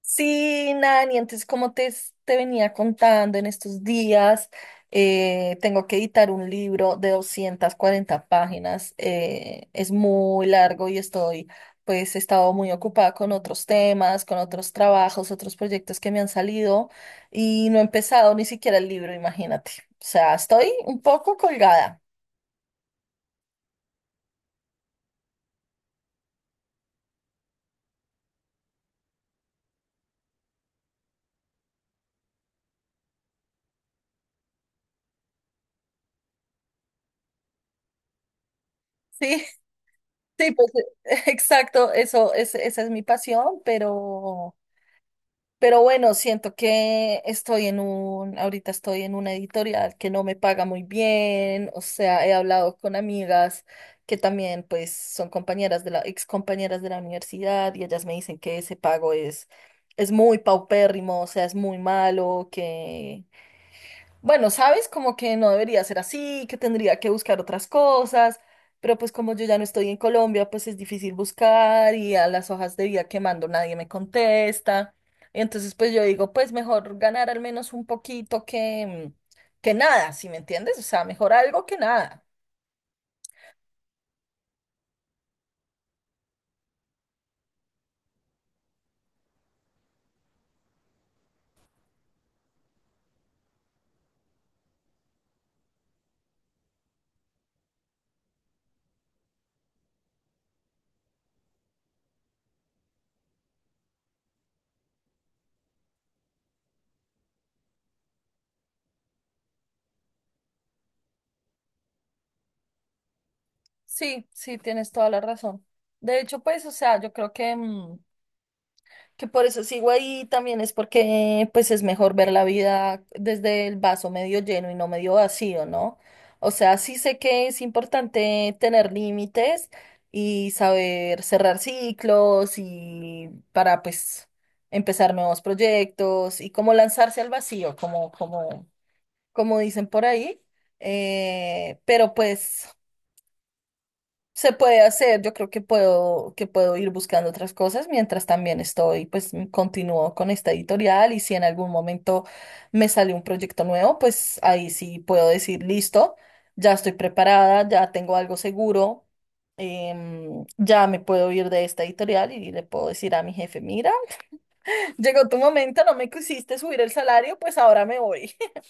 Sí, Nani, entonces como te, te venía contando en estos días, tengo que editar un libro de 240 páginas, es muy largo y estoy, pues he estado muy ocupada con otros temas, con otros trabajos, otros proyectos que me han salido y no he empezado ni siquiera el libro, imagínate. O sea, estoy un poco colgada. Sí, sí, pues exacto, eso, es, esa es mi pasión, pero bueno, siento que estoy en ahorita estoy en una editorial que no me paga muy bien. O sea, he hablado con amigas que también pues son compañeras de la, ex compañeras de la universidad, y ellas me dicen que ese pago es muy paupérrimo. O sea, es muy malo, que bueno, sabes, como que no debería ser así, que tendría que buscar otras cosas, pero pues como yo ya no estoy en Colombia, pues es difícil buscar, y a las hojas de vida que mando nadie me contesta. Entonces, pues yo digo, pues mejor ganar al menos un poquito que, que nada, ¿si me entiendes? O sea, mejor algo que nada. Sí, sí, tienes toda la razón. De hecho, pues, o sea, yo creo que mm, que por eso sigo ahí también es porque pues es mejor ver la vida desde el vaso medio lleno y no medio vacío, ¿no? O sea, sí sé que es importante tener límites y saber cerrar ciclos y para pues empezar nuevos proyectos y como lanzarse al vacío, como dicen por ahí. Pero pues se puede hacer. Yo creo que puedo ir buscando otras cosas mientras también estoy, pues continúo con esta editorial, y si en algún momento me sale un proyecto nuevo, pues ahí sí puedo decir, listo, ya estoy preparada, ya tengo algo seguro. Ya me puedo ir de esta editorial y le puedo decir a mi jefe, mira, llegó tu momento, no me quisiste subir el salario, pues ahora me voy.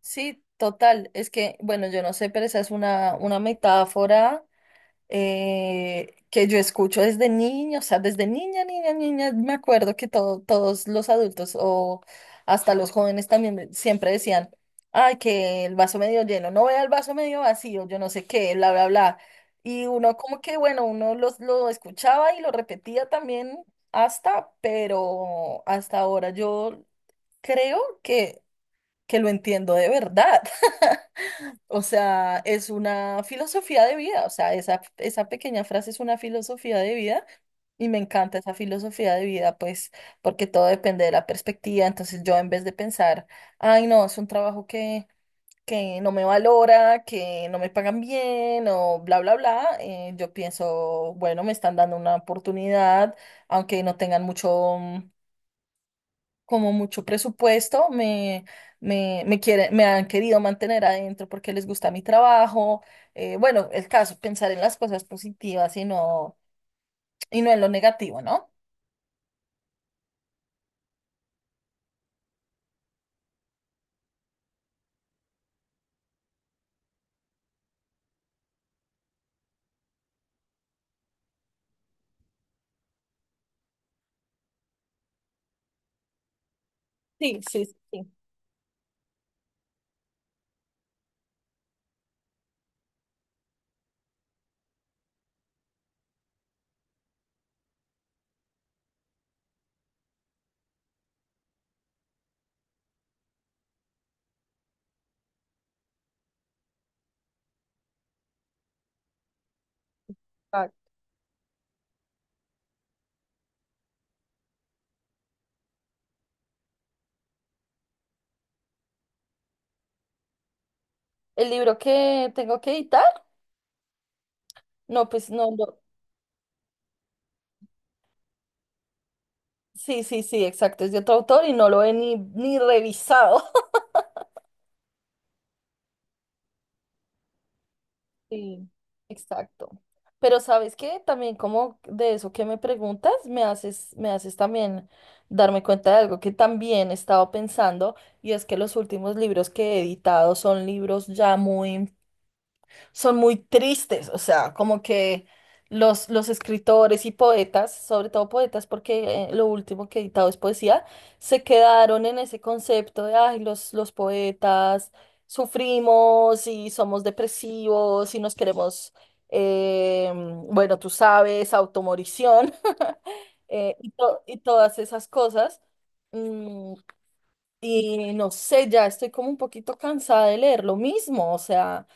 Sí, total, es que, bueno, yo no sé, pero esa es una metáfora. Que yo escucho desde niña. O sea, desde niña, niña, niña, me acuerdo que todos los adultos o hasta los jóvenes también siempre decían, ay, que el vaso medio lleno, no vea el vaso medio vacío, yo no sé qué, bla, bla, bla. Y uno como que, bueno, uno lo escuchaba y lo repetía también hasta, pero hasta ahora yo creo que lo entiendo de verdad. O sea, es una filosofía de vida. O sea, esa pequeña frase es una filosofía de vida, y me encanta esa filosofía de vida, pues, porque todo depende de la perspectiva. Entonces yo en vez de pensar, ay, no, es un trabajo que no me valora, que no me pagan bien o bla, bla, bla, yo pienso, bueno, me están dando una oportunidad, aunque no tengan mucho como mucho presupuesto, me han querido mantener adentro porque les gusta mi trabajo. Bueno, el caso, pensar en las cosas positivas y no en lo negativo, ¿no? Sí, sí, sí, sí. Ah, el libro que tengo que editar, no, pues no, sí, sí, sí, exacto, es de otro autor y no lo he ni, ni revisado. Sí, exacto. Pero sabes que también como de eso que me preguntas, me haces también darme cuenta de algo que también he estado pensando. Y es que los últimos libros que he editado son libros ya muy son muy tristes. O sea, como que los escritores y poetas, sobre todo poetas, porque lo último que he editado es poesía, se quedaron en ese concepto de, ay, los poetas sufrimos y somos depresivos y nos queremos, eh, bueno, tú sabes, automorición y, y todas esas cosas. Mm, y no sé, ya estoy como un poquito cansada de leer lo mismo. O sea,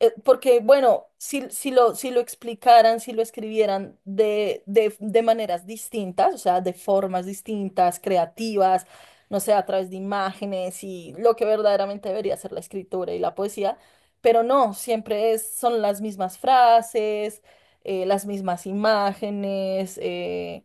porque, bueno, si, si lo explicaran, si lo escribieran de, de maneras distintas, o sea, de formas distintas, creativas, no sé, a través de imágenes y lo que verdaderamente debería ser la escritura y la poesía, pero no, siempre es, son las mismas frases, las mismas imágenes.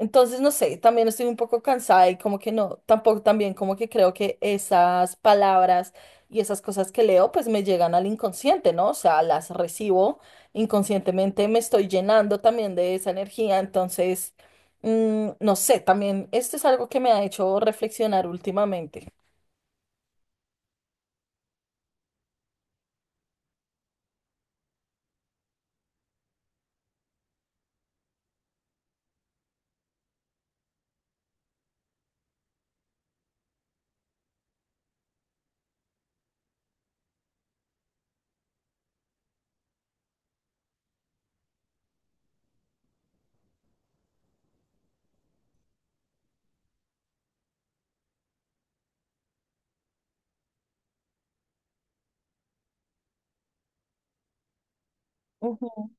Entonces, no sé, también estoy un poco cansada y como que no, tampoco también como que creo que esas palabras y esas cosas que leo pues me llegan al inconsciente, ¿no? O sea, las recibo inconscientemente, me estoy llenando también de esa energía. Entonces, no sé, también esto es algo que me ha hecho reflexionar últimamente. Ujú,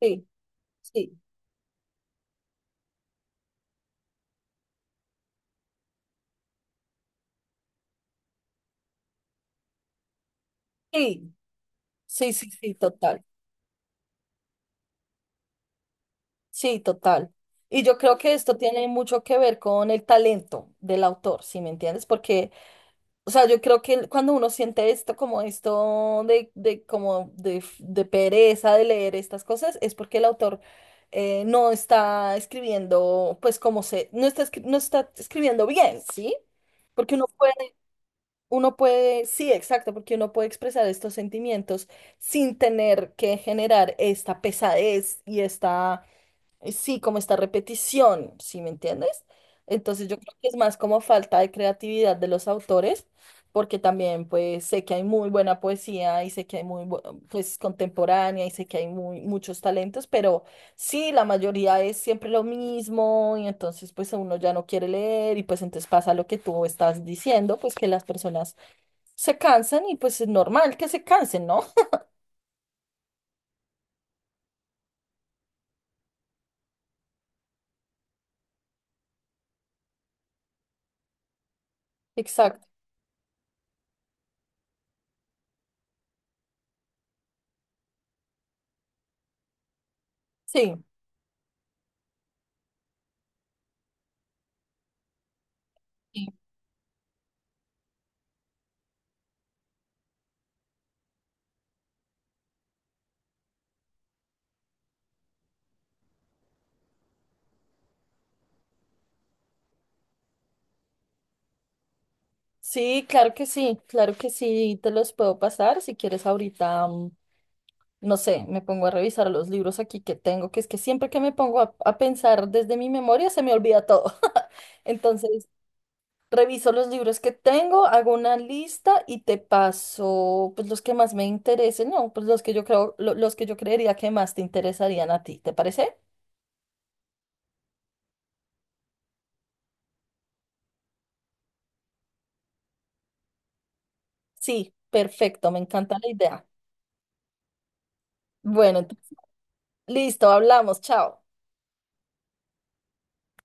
sí, sí, sí, sí, sí, sí, total, sí, total. Y yo creo que esto tiene mucho que ver con el talento del autor, ¿sí me entiendes? Porque o sea, yo creo que cuando uno siente esto, como esto de, como de, de pereza de leer estas cosas, es porque el autor no está escribiendo, pues como se, no está, no está escribiendo bien, ¿sí? Porque uno puede, sí, exacto, porque uno puede expresar estos sentimientos sin tener que generar esta pesadez y esta sí, como esta repetición, ¿sí me entiendes? Entonces yo creo que es más como falta de creatividad de los autores, porque también pues sé que hay muy buena poesía y sé que hay muy pues contemporánea, y sé que hay muy muchos talentos, pero sí, la mayoría es siempre lo mismo, y entonces pues uno ya no quiere leer, y pues entonces pasa lo que tú estás diciendo, pues que las personas se cansan, y pues es normal que se cansen, ¿no? Exacto, sí. Sí, claro que sí, claro que sí, te los puedo pasar. Si quieres ahorita, no sé, me pongo a revisar los libros aquí que tengo, que es que siempre que me pongo a pensar desde mi memoria se me olvida todo. Entonces, reviso los libros que tengo, hago una lista y te paso pues los que más me interesen, no, pues los que yo creo, los que yo creería que más te interesarían a ti, ¿te parece? Sí, perfecto, me encanta la idea. Bueno, entonces, listo, hablamos, chao.